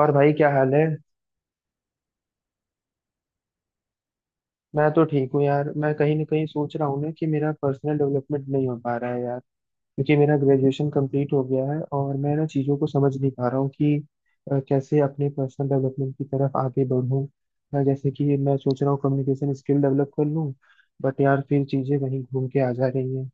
और भाई क्या हाल है। मैं तो ठीक हूँ यार। मैं कहीं ना कहीं सोच रहा हूँ ना कि मेरा पर्सनल डेवलपमेंट नहीं हो पा रहा है यार। क्योंकि मेरा ग्रेजुएशन कंप्लीट हो गया है और मैं ना चीज़ों को समझ नहीं पा रहा हूँ कि कैसे अपने पर्सनल डेवलपमेंट की तरफ आगे बढ़ूँ। मैं जैसे कि मैं सोच रहा हूँ कम्युनिकेशन स्किल डेवलप कर लूँ। बट यार फिर चीज़ें वहीं घूम के आ जा रही हैं।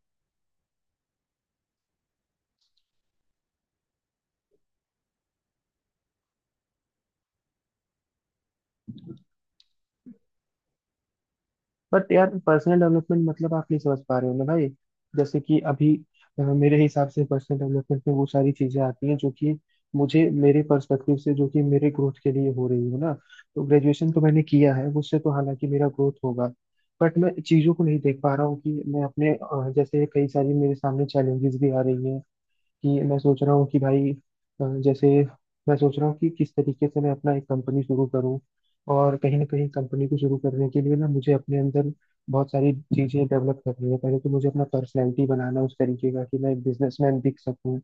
बट यार पर्सनल डेवलपमेंट मतलब आप नहीं समझ पा रहे हो ना भाई। जैसे कि अभी मेरे हिसाब से पर्सनल डेवलपमेंट में वो सारी चीजें आती हैं जो कि मुझे मेरे पर्सपेक्टिव से जो कि मेरे ग्रोथ के लिए हो रही है ना। तो ग्रेजुएशन तो मैंने किया है, उससे तो हालांकि मेरा ग्रोथ होगा, बट मैं चीजों को नहीं देख पा रहा हूँ कि मैं अपने जैसे कई सारी मेरे सामने चैलेंजेस भी आ रही हैं। कि मैं सोच रहा हूँ कि भाई, जैसे मैं सोच रहा हूँ कि किस तरीके से मैं अपना एक कंपनी शुरू करूँ। और कहीं ना कहीं कंपनी को शुरू करने के लिए ना मुझे अपने अंदर बहुत सारी चीजें डेवलप करनी है। पहले तो मुझे अपना पर्सनैलिटी बनाना है उस तरीके का कि मैं एक बिजनेसमैन दिख सकूँ।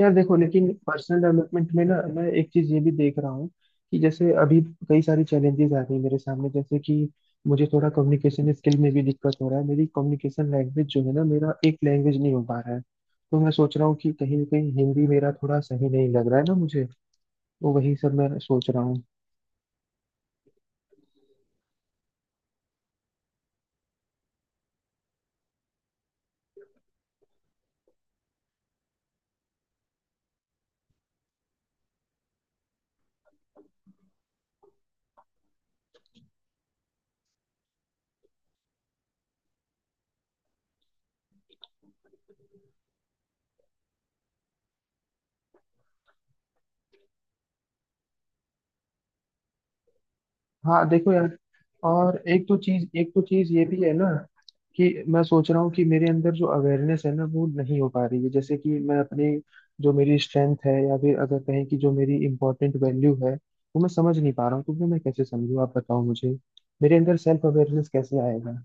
यार देखो, लेकिन पर्सनल डेवलपमेंट में ना मैं एक चीज ये भी देख रहा हूँ कि जैसे अभी कई सारी चैलेंजेस आ रही है मेरे सामने। जैसे कि मुझे थोड़ा कम्युनिकेशन स्किल में भी दिक्कत हो रहा है। मेरी कम्युनिकेशन लैंग्वेज जो है ना, मेरा एक लैंग्वेज नहीं हो पा रहा है। तो मैं सोच रहा हूँ कि कहीं ना कहीं हिंदी मेरा थोड़ा सही नहीं लग रहा है ना मुझे। तो वही सब मैं सोच रहा हूँ। हाँ देखो यार, और एक तो चीज ये भी है ना कि मैं सोच रहा हूँ कि मेरे अंदर जो अवेयरनेस है ना वो नहीं हो पा रही है। जैसे कि मैं अपने जो मेरी स्ट्रेंथ है, या फिर अगर कहें कि जो मेरी इंपॉर्टेंट वैल्यू है, वो मैं समझ नहीं पा रहा हूँ। तो वो मैं कैसे समझूँ, आप बताओ मुझे। मेरे अंदर सेल्फ अवेयरनेस कैसे आएगा?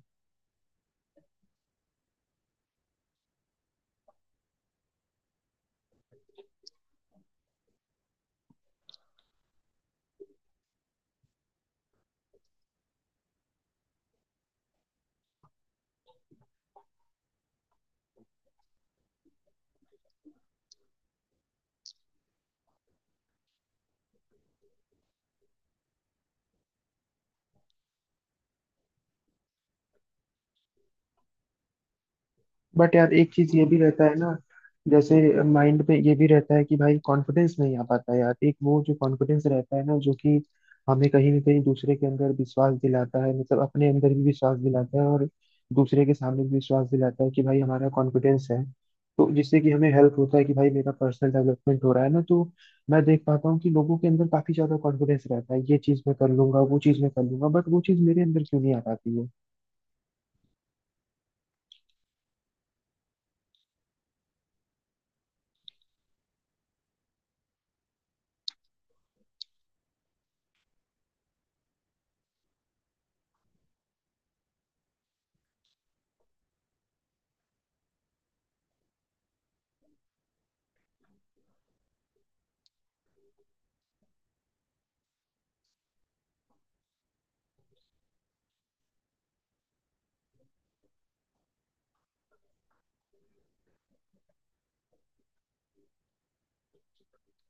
बट यार एक चीज ये भी रहता है ना, जैसे माइंड पे ये भी रहता है कि भाई कॉन्फिडेंस नहीं आ पाता यार। एक वो जो कॉन्फिडेंस रहता है ना जो कि हमें कहीं ना कहीं दूसरे के अंदर विश्वास दिलाता है, मतलब अपने अंदर भी विश्वास दिलाता है और दूसरे के सामने भी विश्वास दिलाता है कि भाई हमारा कॉन्फिडेंस है। तो जिससे कि हमें हेल्प होता है कि भाई मेरा पर्सनल डेवलपमेंट हो रहा है ना। तो मैं देख पाता हूँ कि लोगों के अंदर काफी ज्यादा कॉन्फिडेंस रहता है, ये चीज मैं कर लूंगा, वो चीज मैं कर लूंगा, बट वो चीज मेरे अंदर क्यों नहीं आ पाती है?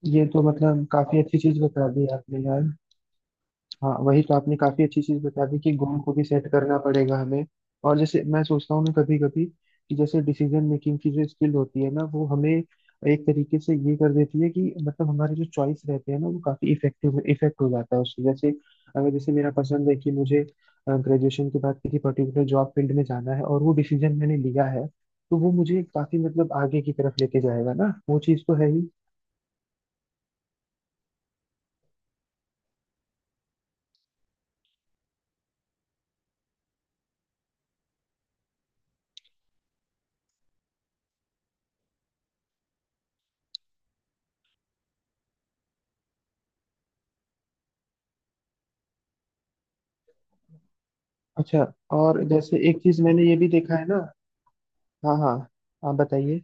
ये तो मतलब काफी अच्छी चीज बता दी आपने यार। हाँ वही तो, आपने काफी अच्छी चीज बता दी कि गोल को भी सेट करना पड़ेगा हमें। और जैसे मैं सोचता हूँ ना कभी कभी कि जैसे डिसीजन मेकिंग की जो स्किल होती है ना वो हमें एक तरीके से ये कर देती है कि मतलब हमारे जो चॉइस रहते हैं ना वो काफी इफेक्टिव इफेक्ट हो जाता है उससे। जैसे अगर जैसे मेरा पसंद है कि मुझे ग्रेजुएशन के बाद किसी पर्टिकुलर जॉब फील्ड में जाना है और वो डिसीजन मैंने लिया है, तो वो मुझे काफी मतलब आगे की तरफ लेके जाएगा ना, वो चीज तो है ही। अच्छा। और जैसे एक चीज मैंने ये भी देखा है ना। हाँ हाँ, आप बताइए।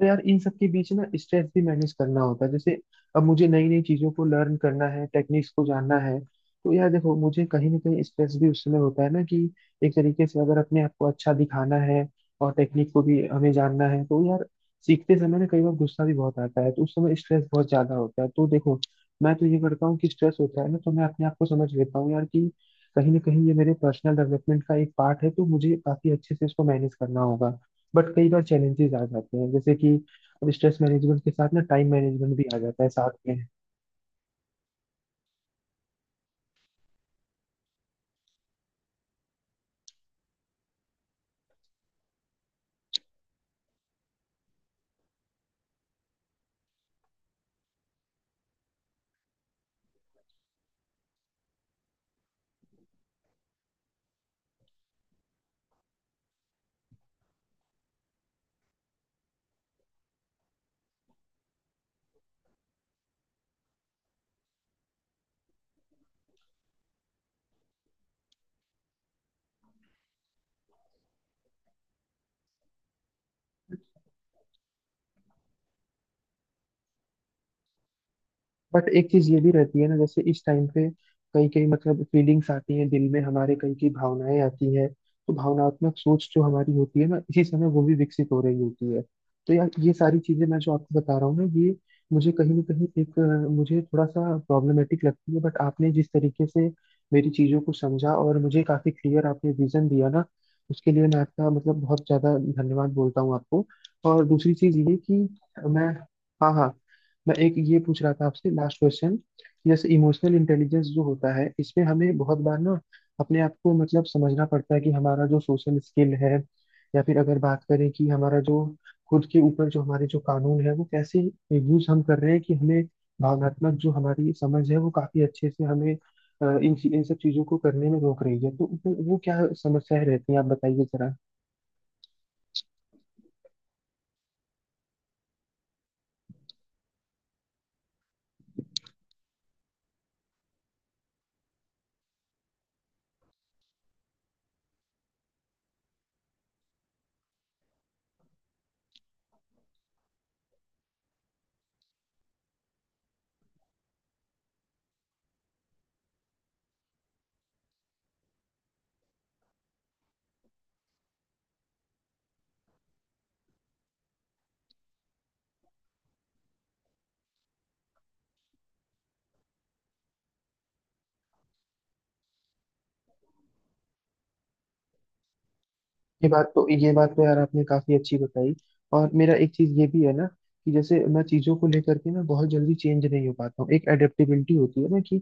तो यार इन सब के बीच ना स्ट्रेस भी मैनेज करना होता है। जैसे अब मुझे नई नई चीजों को लर्न करना है, टेक्निक्स को जानना है। तो यार देखो, मुझे कहीं ना कहीं स्ट्रेस भी उस समय होता है ना कि एक तरीके से अगर अपने आप को अच्छा दिखाना है और टेक्निक को भी हमें जानना है, तो यार सीखते समय ना कई बार गुस्सा भी बहुत आता है, तो उस समय स्ट्रेस बहुत ज्यादा होता है। तो देखो, मैं तो ये करता हूँ कि स्ट्रेस होता है ना, तो मैं अपने आप को समझ लेता हूँ यार कि कहीं ना कहीं ये मेरे पर्सनल डेवलपमेंट का एक पार्ट है, तो मुझे काफी अच्छे से इसको मैनेज करना होगा। बट कई बार चैलेंजेस आ जाते हैं, जैसे कि अब स्ट्रेस मैनेजमेंट के साथ ना टाइम मैनेजमेंट भी आ जाता है साथ में। बट एक चीज ये भी रहती है ना, जैसे इस टाइम पे कई कई मतलब फीलिंग्स आती हैं दिल में हमारे, कई कई भावनाएं आती हैं। तो भावनात्मक सोच जो हमारी होती है ना, इसी समय वो भी विकसित हो रही होती है। तो यार ये सारी चीजें मैं जो आपको बता रहा हूँ ना, ये मुझे कहीं ना कहीं एक मुझे थोड़ा सा प्रॉब्लमेटिक लगती है। बट आपने जिस तरीके से मेरी चीजों को समझा और मुझे काफी क्लियर आपने विजन दिया ना, उसके लिए मैं आपका मतलब बहुत ज्यादा धन्यवाद बोलता हूँ आपको। और दूसरी चीज ये कि मैं, हाँ हाँ, मैं एक ये पूछ रहा था आपसे, लास्ट क्वेश्चन। जैसे इमोशनल इंटेलिजेंस जो होता है, इसमें हमें बहुत बार ना अपने आप को मतलब समझना पड़ता है कि हमारा जो सोशल स्किल है, या फिर अगर बात करें कि हमारा जो खुद के ऊपर जो हमारे जो कानून है वो कैसे यूज हम कर रहे हैं, कि हमें भावनात्मक जो हमारी समझ है वो काफी अच्छे से हमें इन इन सब चीजों को करने में रोक रही है, तो वो क्या समस्याएं रहती हैं, आप बताइए जरा। ये बात तो यार आपने काफी अच्छी बताई। और मेरा एक चीज ये भी है ना कि जैसे मैं चीजों को लेकर के ना बहुत जल्दी चेंज नहीं हो पाता हूँ। एक एडेप्टेबिलिटी होती है ना कि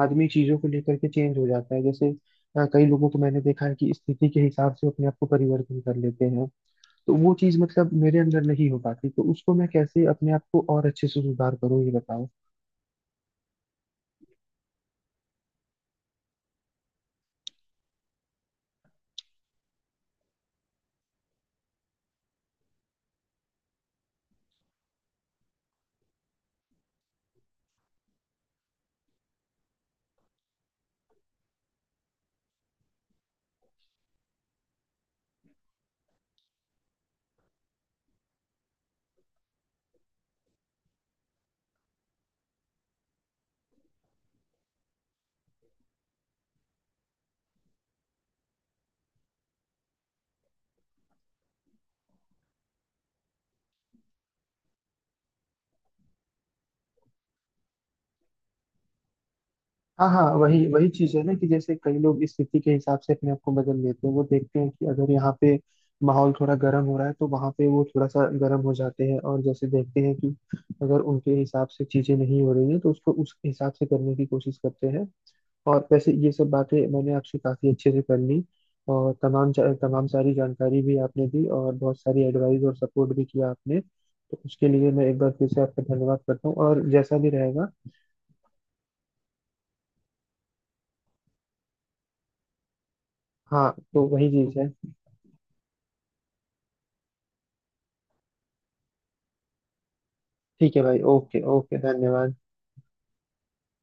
आदमी चीजों को लेकर के चेंज हो जाता है। जैसे कई लोगों को मैंने देखा है कि स्थिति के हिसाब से अपने आप को परिवर्तन कर लेते हैं। तो वो चीज मतलब मेरे अंदर नहीं हो पाती, तो उसको मैं कैसे अपने आप को और अच्छे से सुधार करूँ, ये बताओ। हाँ हाँ, वही वही चीज है ना कि जैसे कई लोग इस स्थिति के हिसाब से अपने आप को बदल लेते हैं। वो देखते हैं कि अगर यहाँ पे माहौल थोड़ा गर्म हो रहा है तो वहाँ पे वो थोड़ा सा गर्म हो जाते हैं, और जैसे देखते हैं कि अगर उनके हिसाब से चीजें नहीं हो रही हैं तो उसको उस हिसाब से करने की कोशिश करते हैं। और वैसे ये सब बातें मैंने आपसे काफी अच्छे से कर ली, और तमाम सारी जानकारी भी आपने दी और बहुत सारी एडवाइस और सपोर्ट भी किया आपने, तो उसके लिए मैं एक बार फिर से आपका धन्यवाद करता हूँ और जैसा भी रहेगा। हाँ, तो वही चीज है। ठीक है भाई, ओके ओके, धन्यवाद।